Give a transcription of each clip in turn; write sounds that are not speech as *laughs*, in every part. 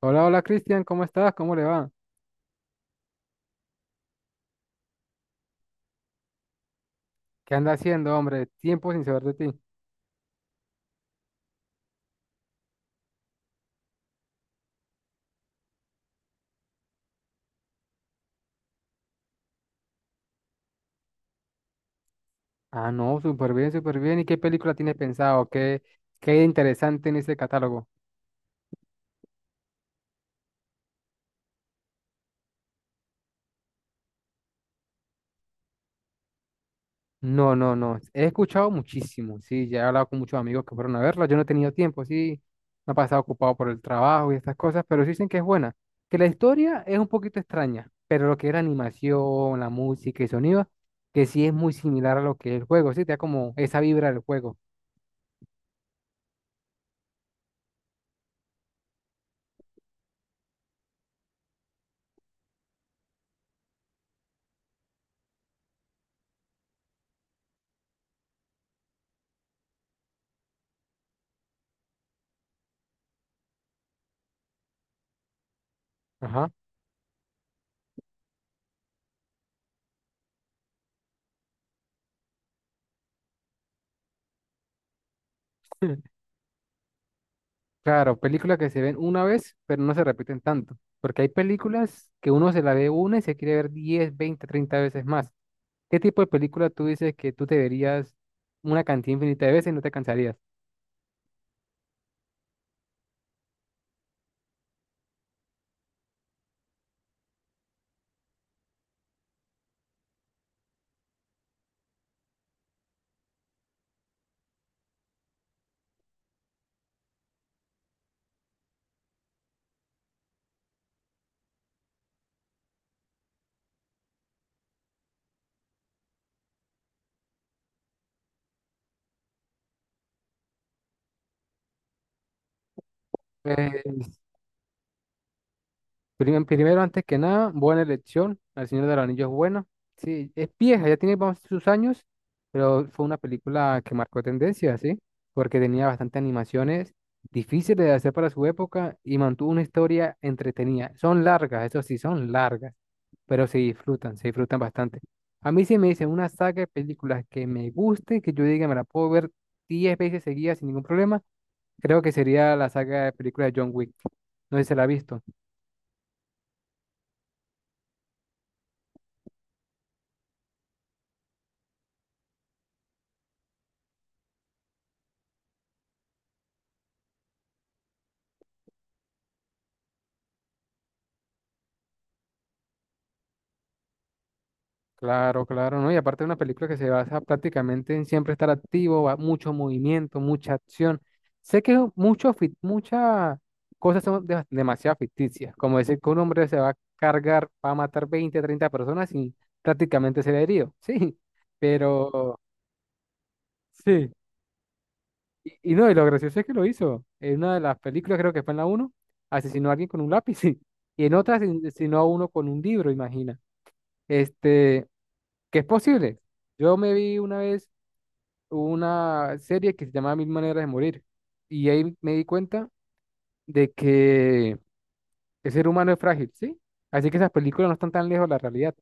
Hola, hola Cristian, ¿cómo estás? ¿Cómo le va? ¿Qué anda haciendo, hombre? Tiempo sin saber de ti. Ah, no, súper bien, súper bien. ¿Y qué película tienes pensado? ¿Qué interesante en ese catálogo? No, no, no. He escuchado muchísimo, sí. Ya he hablado con muchos amigos que fueron a verla. Yo no he tenido tiempo, sí. Me he pasado ocupado por el trabajo y estas cosas, pero sí dicen que es buena. Que la historia es un poquito extraña, pero lo que era animación, la música y sonido, que sí es muy similar a lo que es el juego, sí. Te da como esa vibra del juego. Ajá. Claro, películas que se ven una vez, pero no se repiten tanto. Porque hay películas que uno se la ve una y se quiere ver 10, 20, 30 veces más. ¿Qué tipo de película tú dices que tú te verías una cantidad infinita de veces y no te cansarías? Pues, primero, antes que nada, buena elección. El Señor del Anillo es buena. Sí, es vieja, ya tiene vamos, sus años, pero fue una película que marcó tendencia, ¿sí? Porque tenía bastantes animaciones difíciles de hacer para su época y mantuvo una historia entretenida. Son largas, eso sí, son largas, pero se disfrutan bastante. A mí sí me dicen una saga de películas que me guste, que yo diga me la puedo ver 10 veces seguidas sin ningún problema, creo que sería la saga de películas de John Wick. No sé si se la ha visto. Claro, claro, ¿no? Y aparte de una película que se basa prácticamente en siempre estar activo, mucho movimiento, mucha acción. Sé que mucho, muchas cosas son demasiado ficticias, como decir que un hombre se va a cargar, va a matar 20, 30 personas y prácticamente se herido, *laughs* sí, pero sí. Y no, y lo gracioso es que lo hizo. En una de las películas, creo que fue en la uno asesinó a alguien con un lápiz. *laughs* Y en otra asesinó a uno con un libro, imagina. Este, que es posible. Yo me vi una vez una serie que se llamaba Mil Maneras de Morir. Y ahí me di cuenta de que el ser humano es frágil, ¿sí? Así que esas películas no están tan lejos de la realidad.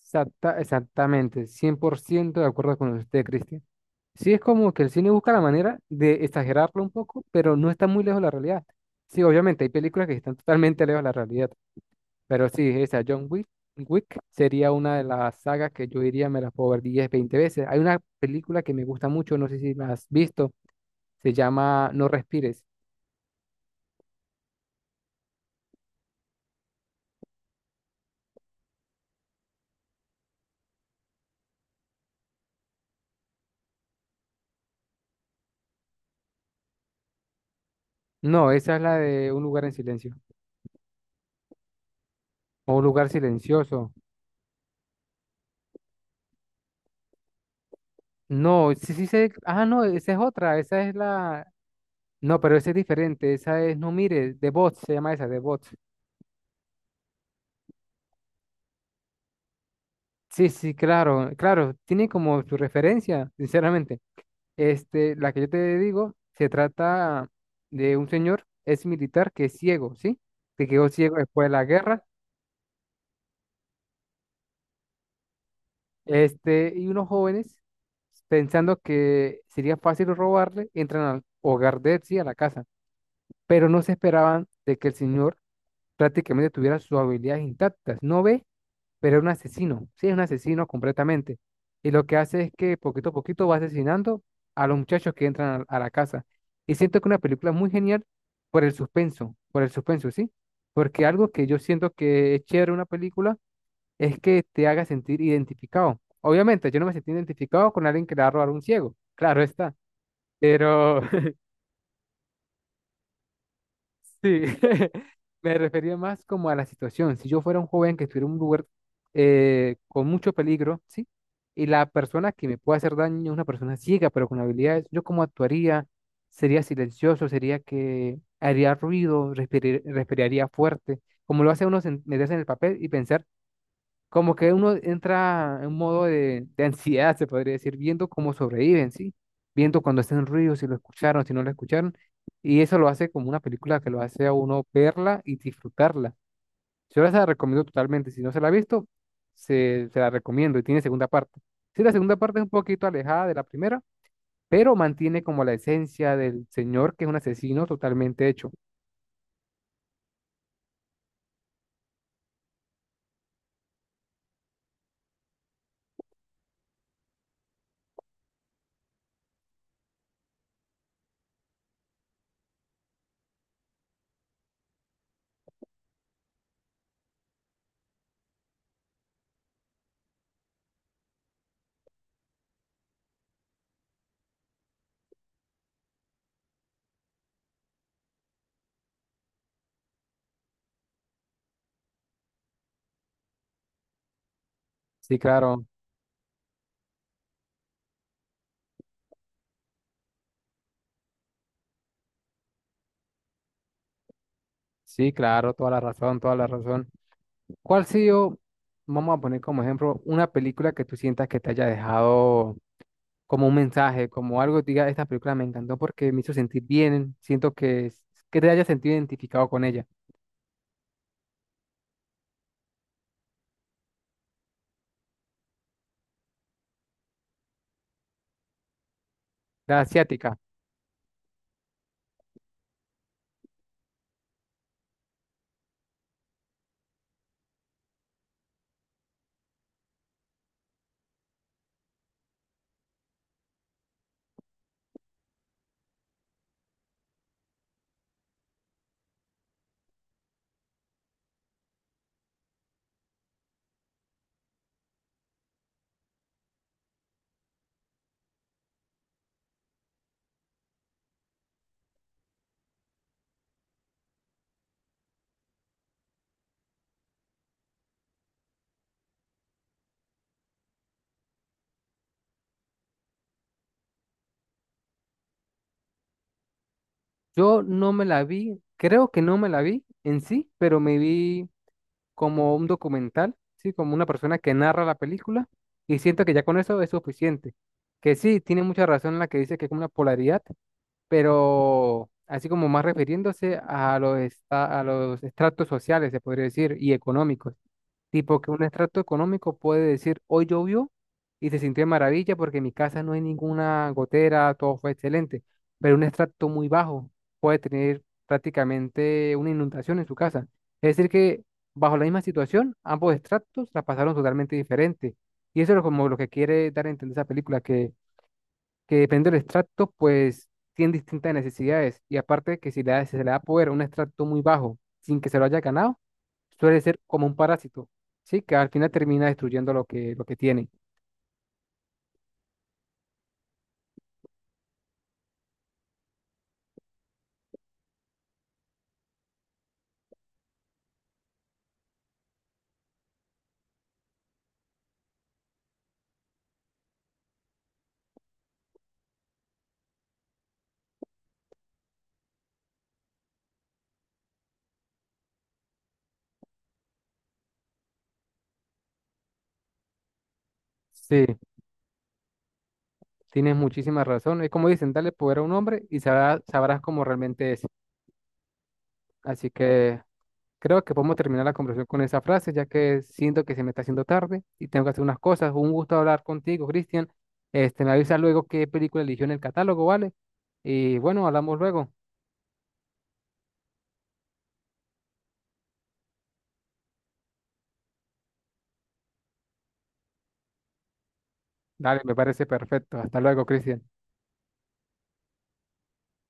Exactamente, 100% de acuerdo con usted, Cristian. Sí, es como que el cine busca la manera de exagerarlo un poco, pero no está muy lejos de la realidad. Sí, obviamente, hay películas que están totalmente lejos de la realidad, pero sí, esa John Wick, Wick sería una de las sagas que yo diría me las puedo ver 10, 20 veces. Hay una película que me gusta mucho, no sé si la has visto. Se llama No respires. No, esa es la de Un lugar en silencio. O Un lugar silencioso. No, sí, sí sé. Ah, no, esa es otra. Esa es la. No, pero esa es diferente. Esa es No mires, de Bots, se llama esa, de Bots. Sí, sí, claro, claro. Tiene como su referencia, sinceramente. Este, la que yo te digo, se trata de un señor, es militar que es ciego, ¿sí? Que quedó ciego después de la guerra. Este, y unos jóvenes, pensando que sería fácil robarle, entran al hogar de él, sí, a la casa, pero no se esperaban de que el señor prácticamente tuviera sus habilidades intactas. No ve, pero es un asesino, sí, es un asesino completamente. Y lo que hace es que poquito a poquito va asesinando a los muchachos que entran a la casa. Y siento que una película muy genial por el suspenso, ¿sí? Porque algo que yo siento que es chévere en una película es que te haga sentir identificado. Obviamente, yo no me sentí identificado con alguien que le va a robar a un ciego, claro está, pero *laughs* sí, *laughs* me refería más como a la situación. Si yo fuera un joven que estuviera en un lugar con mucho peligro, ¿sí? Y la persona que me puede hacer daño es una persona ciega, pero con habilidades, ¿yo cómo actuaría? ¿Sería silencioso? ¿Sería que haría ruido? ¿Respiraría fuerte? Como lo hace uno meterse en el papel y pensar. Como que uno entra en un modo de ansiedad, se podría decir, viendo cómo sobreviven, ¿sí? Viendo cuando hacen ruido, si lo escucharon, si no lo escucharon. Y eso lo hace como una película que lo hace a uno verla y disfrutarla. Yo se la recomiendo totalmente. Si no se la ha visto, se la recomiendo y tiene segunda parte. Sí, la segunda parte es un poquito alejada de la primera, pero mantiene como la esencia del señor que es un asesino totalmente hecho. Sí, claro, sí, claro, toda la razón, toda la razón. ¿Cuál ha sido, vamos a poner como ejemplo, una película que tú sientas que te haya dejado como un mensaje, como algo, diga, esta película me encantó porque me hizo sentir bien, siento que, que te hayas sentido identificado con ella, la asiática. Yo no me la vi, creo que no me la vi en sí, pero me vi como un documental, ¿sí? Como una persona que narra la película y siento que ya con eso es suficiente. Que sí, tiene mucha razón la que dice que es como una polaridad, pero así como más refiriéndose a los, a los estratos sociales, se podría decir, y económicos. Tipo que un extracto económico puede decir, hoy llovió y se sintió de maravilla porque en mi casa no hay ninguna gotera, todo fue excelente. Pero un extracto muy bajo puede tener prácticamente una inundación en su casa. Es decir, que bajo la misma situación, ambos extractos la pasaron totalmente diferente. Y eso es como lo que quiere dar a entender esa película, que depende del extracto, pues tienen distintas necesidades. Y aparte que si si se le da poder a un extracto muy bajo sin que se lo haya ganado, suele ser como un parásito, ¿sí? Que al final termina destruyendo lo que tiene. Sí, tienes muchísima razón. Es como dicen, dale poder a un hombre y sabrás cómo realmente es. Así que creo que podemos terminar la conversación con esa frase, ya que siento que se me está haciendo tarde y tengo que hacer unas cosas. Un gusto hablar contigo, Cristian. Este, me avisas luego qué película eligió en el catálogo, ¿vale? Y bueno, hablamos luego. Dale, me parece perfecto. Hasta luego, Cristian.